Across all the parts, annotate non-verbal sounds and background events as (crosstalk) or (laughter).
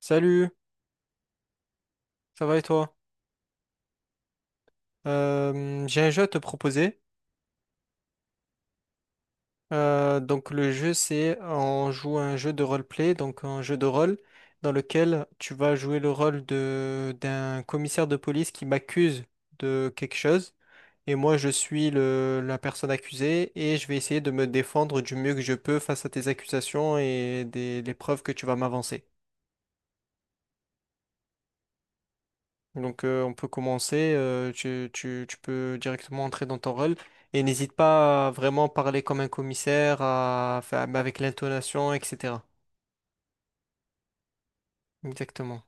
Salut, ça va et toi? J'ai un jeu à te proposer. Donc le jeu c'est on joue à un jeu de roleplay, donc un jeu de rôle dans lequel tu vas jouer le rôle de d'un commissaire de police qui m'accuse de quelque chose et moi je suis la personne accusée et je vais essayer de me défendre du mieux que je peux face à tes accusations et les preuves que tu vas m'avancer. Donc on peut commencer, tu peux directement entrer dans ton rôle et n'hésite pas à vraiment parler comme un commissaire, à, mais avec l'intonation, etc. Exactement.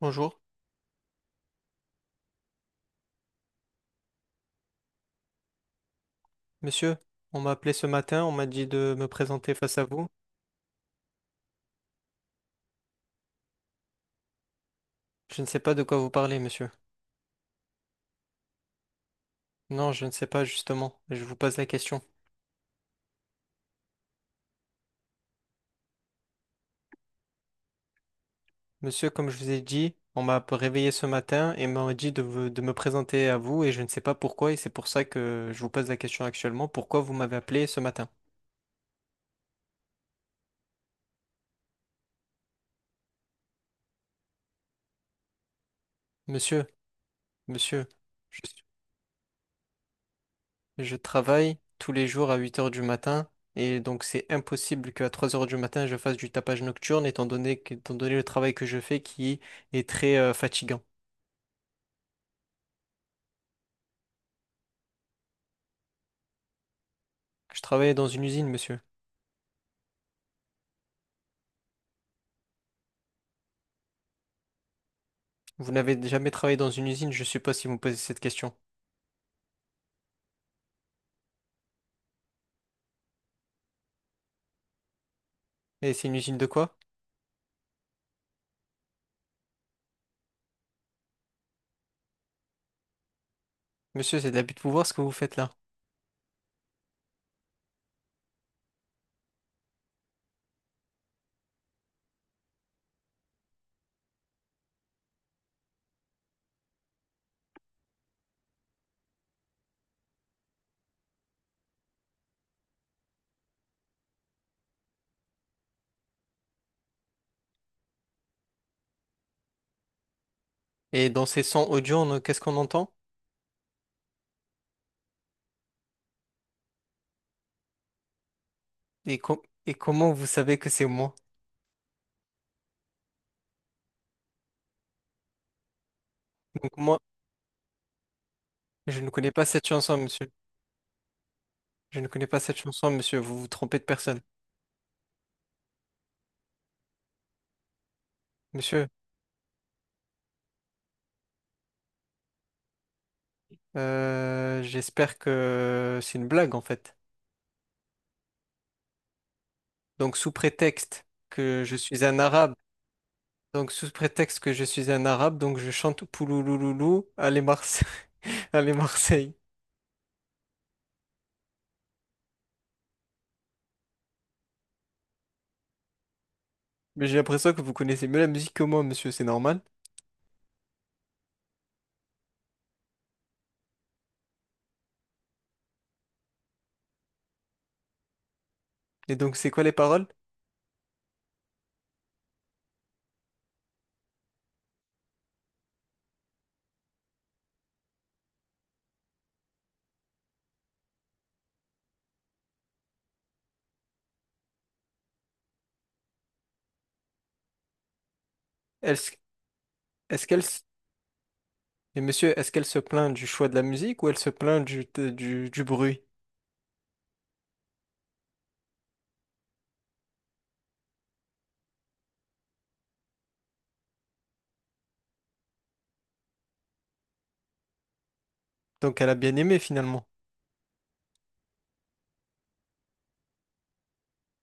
Bonjour, monsieur. On m'a appelé ce matin, on m'a dit de me présenter face à vous. Je ne sais pas de quoi vous parlez, monsieur. Non, je ne sais pas justement. Je vous pose la question. Monsieur, comme je vous ai dit, on m'a réveillé ce matin et m'a dit de me présenter à vous et je ne sais pas pourquoi et c'est pour ça que je vous pose la question actuellement. Pourquoi vous m'avez appelé ce matin? Monsieur. Monsieur, je, je travaille tous les jours à 8 heures du matin et donc c'est impossible qu'à 3 heures du matin je fasse du tapage nocturne étant étant donné le travail que je fais qui est très fatigant. Je travaille dans une usine, monsieur. Vous n'avez jamais travaillé dans une usine, je suppose, si vous me posez cette question. Et c'est une usine de quoi? Monsieur, c'est de l'abus de pouvoir ce que vous faites là. Et dans ces sons audio, qu'est-ce qu'on entend? Et, et comment vous savez que c'est moi? Donc moi, je ne connais pas cette chanson, monsieur. Je ne connais pas cette chanson, monsieur. Vous vous trompez de personne. Monsieur. J'espère que c'est une blague en fait. Donc sous prétexte que je suis un arabe, donc sous prétexte que je suis un arabe, donc je chante Pouloulouloulou, allez Marseille, (laughs) allez Marseille. Mais j'ai l'impression que vous connaissez mieux la musique que moi, monsieur, c'est normal. Et donc c'est quoi les paroles? Est-ce est-ce mais monsieur, est-ce qu'elle se plaint du choix de la musique ou elle se plaint du bruit? Donc elle a bien aimé finalement.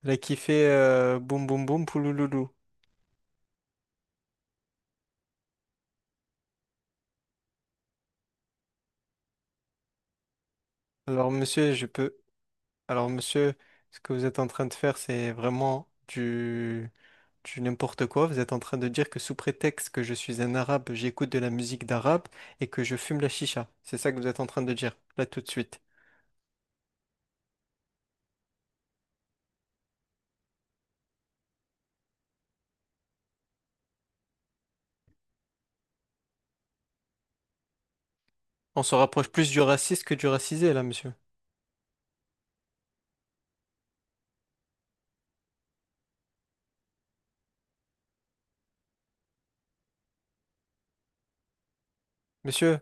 Elle a kiffé boum boum boum poulouloulou. Alors monsieur, je peux Alors, monsieur, ce que vous êtes en train de faire, c'est vraiment du n'importe quoi. Vous êtes en train de dire que sous prétexte que je suis un arabe, j'écoute de la musique d'arabe et que je fume la chicha. C'est ça que vous êtes en train de dire, là tout de suite. On se rapproche plus du raciste que du racisé, là, monsieur. Monsieur,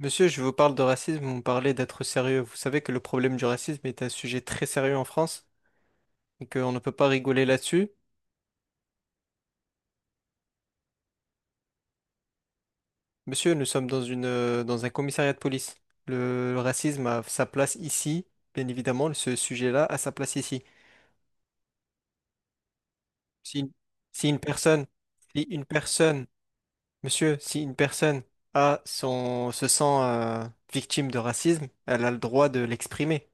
monsieur, je vous parle de racisme, vous me parlez d'être sérieux. Vous savez que le problème du racisme est un sujet très sérieux en France et qu'on ne peut pas rigoler là-dessus. Monsieur, nous sommes dans dans un commissariat de police. Le racisme a sa place ici, bien évidemment, ce sujet-là a sa place ici. Si une, si une personne, si une personne, si une personne se sent victime de racisme, elle a le droit de l'exprimer.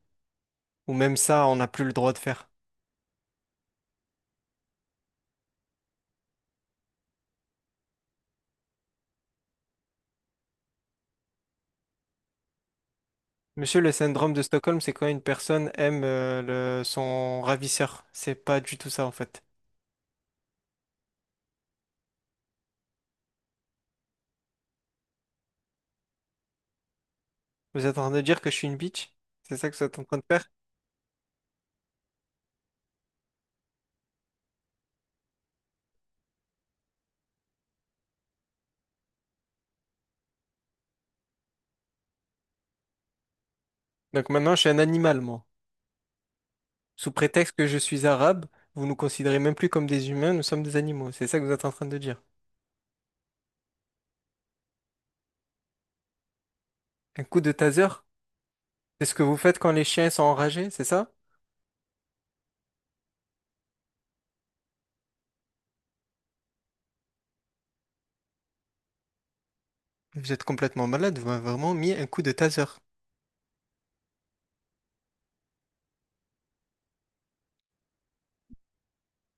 Ou même ça, on n'a plus le droit de faire. Monsieur, le syndrome de Stockholm, c'est quand une personne aime son ravisseur. C'est pas du tout ça, en fait. Vous êtes en train de dire que je suis une bitch? C'est ça que vous êtes en train de faire? Donc maintenant, je suis un animal, moi. Sous prétexte que je suis arabe, vous nous considérez même plus comme des humains, nous sommes des animaux. C'est ça que vous êtes en train de dire. Un coup de taser, c'est ce que vous faites quand les chiens sont enragés, c'est ça? Vous êtes complètement malade, vous m'avez vraiment mis un coup de taser.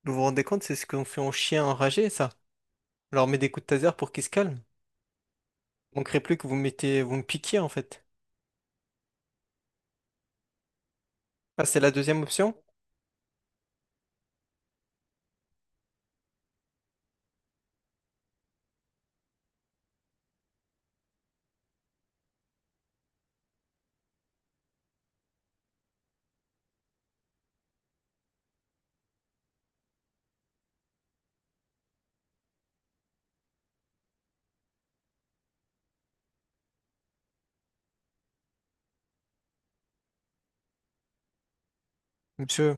Vous vous rendez compte, c'est ce qu'on fait aux chiens enragés, ça? On leur met des coups de taser pour qu'ils se calment. On ne crée plus que vous mettez, vous me piquiez en fait. Ah, c'est la deuxième option? Monsieur,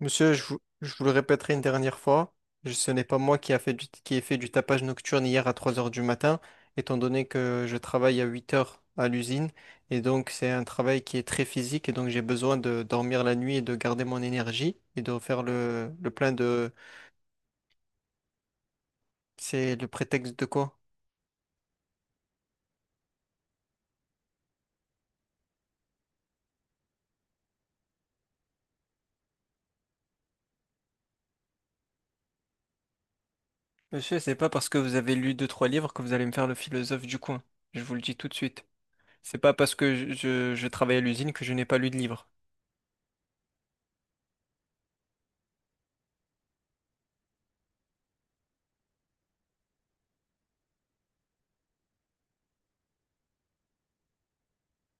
Je vous le répéterai une dernière fois, ce n'est pas moi qui ai fait du tapage nocturne hier à 3 heures du matin, étant donné que je travaille à 8 heures à l'usine, et donc c'est un travail qui est très physique, et donc j'ai besoin de dormir la nuit et de garder mon énergie, et de faire le plein de... C'est le prétexte de quoi? Monsieur, c'est pas parce que vous avez lu deux, trois livres que vous allez me faire le philosophe du coin. Je vous le dis tout de suite. C'est pas parce que je travaille à l'usine que je n'ai pas lu de livres.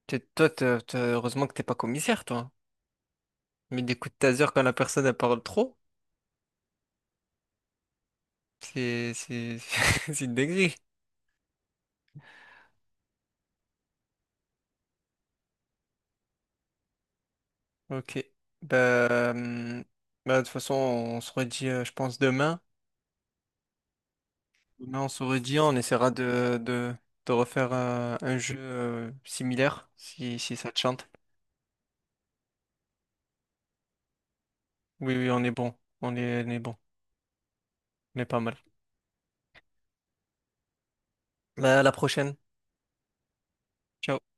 Toi, heureusement que t'es pas commissaire, toi. Mais des coups de taser quand la personne elle parle trop, c'est (laughs) c'est une dinguerie. Ok. Bah, bah de toute façon on se redit, je pense demain. Demain on se redit, on essaiera de refaire un jeu similaire si si ça te chante. Oui, on est bon, on est bon, on est pas mal. Bah, à la prochaine. Ciao.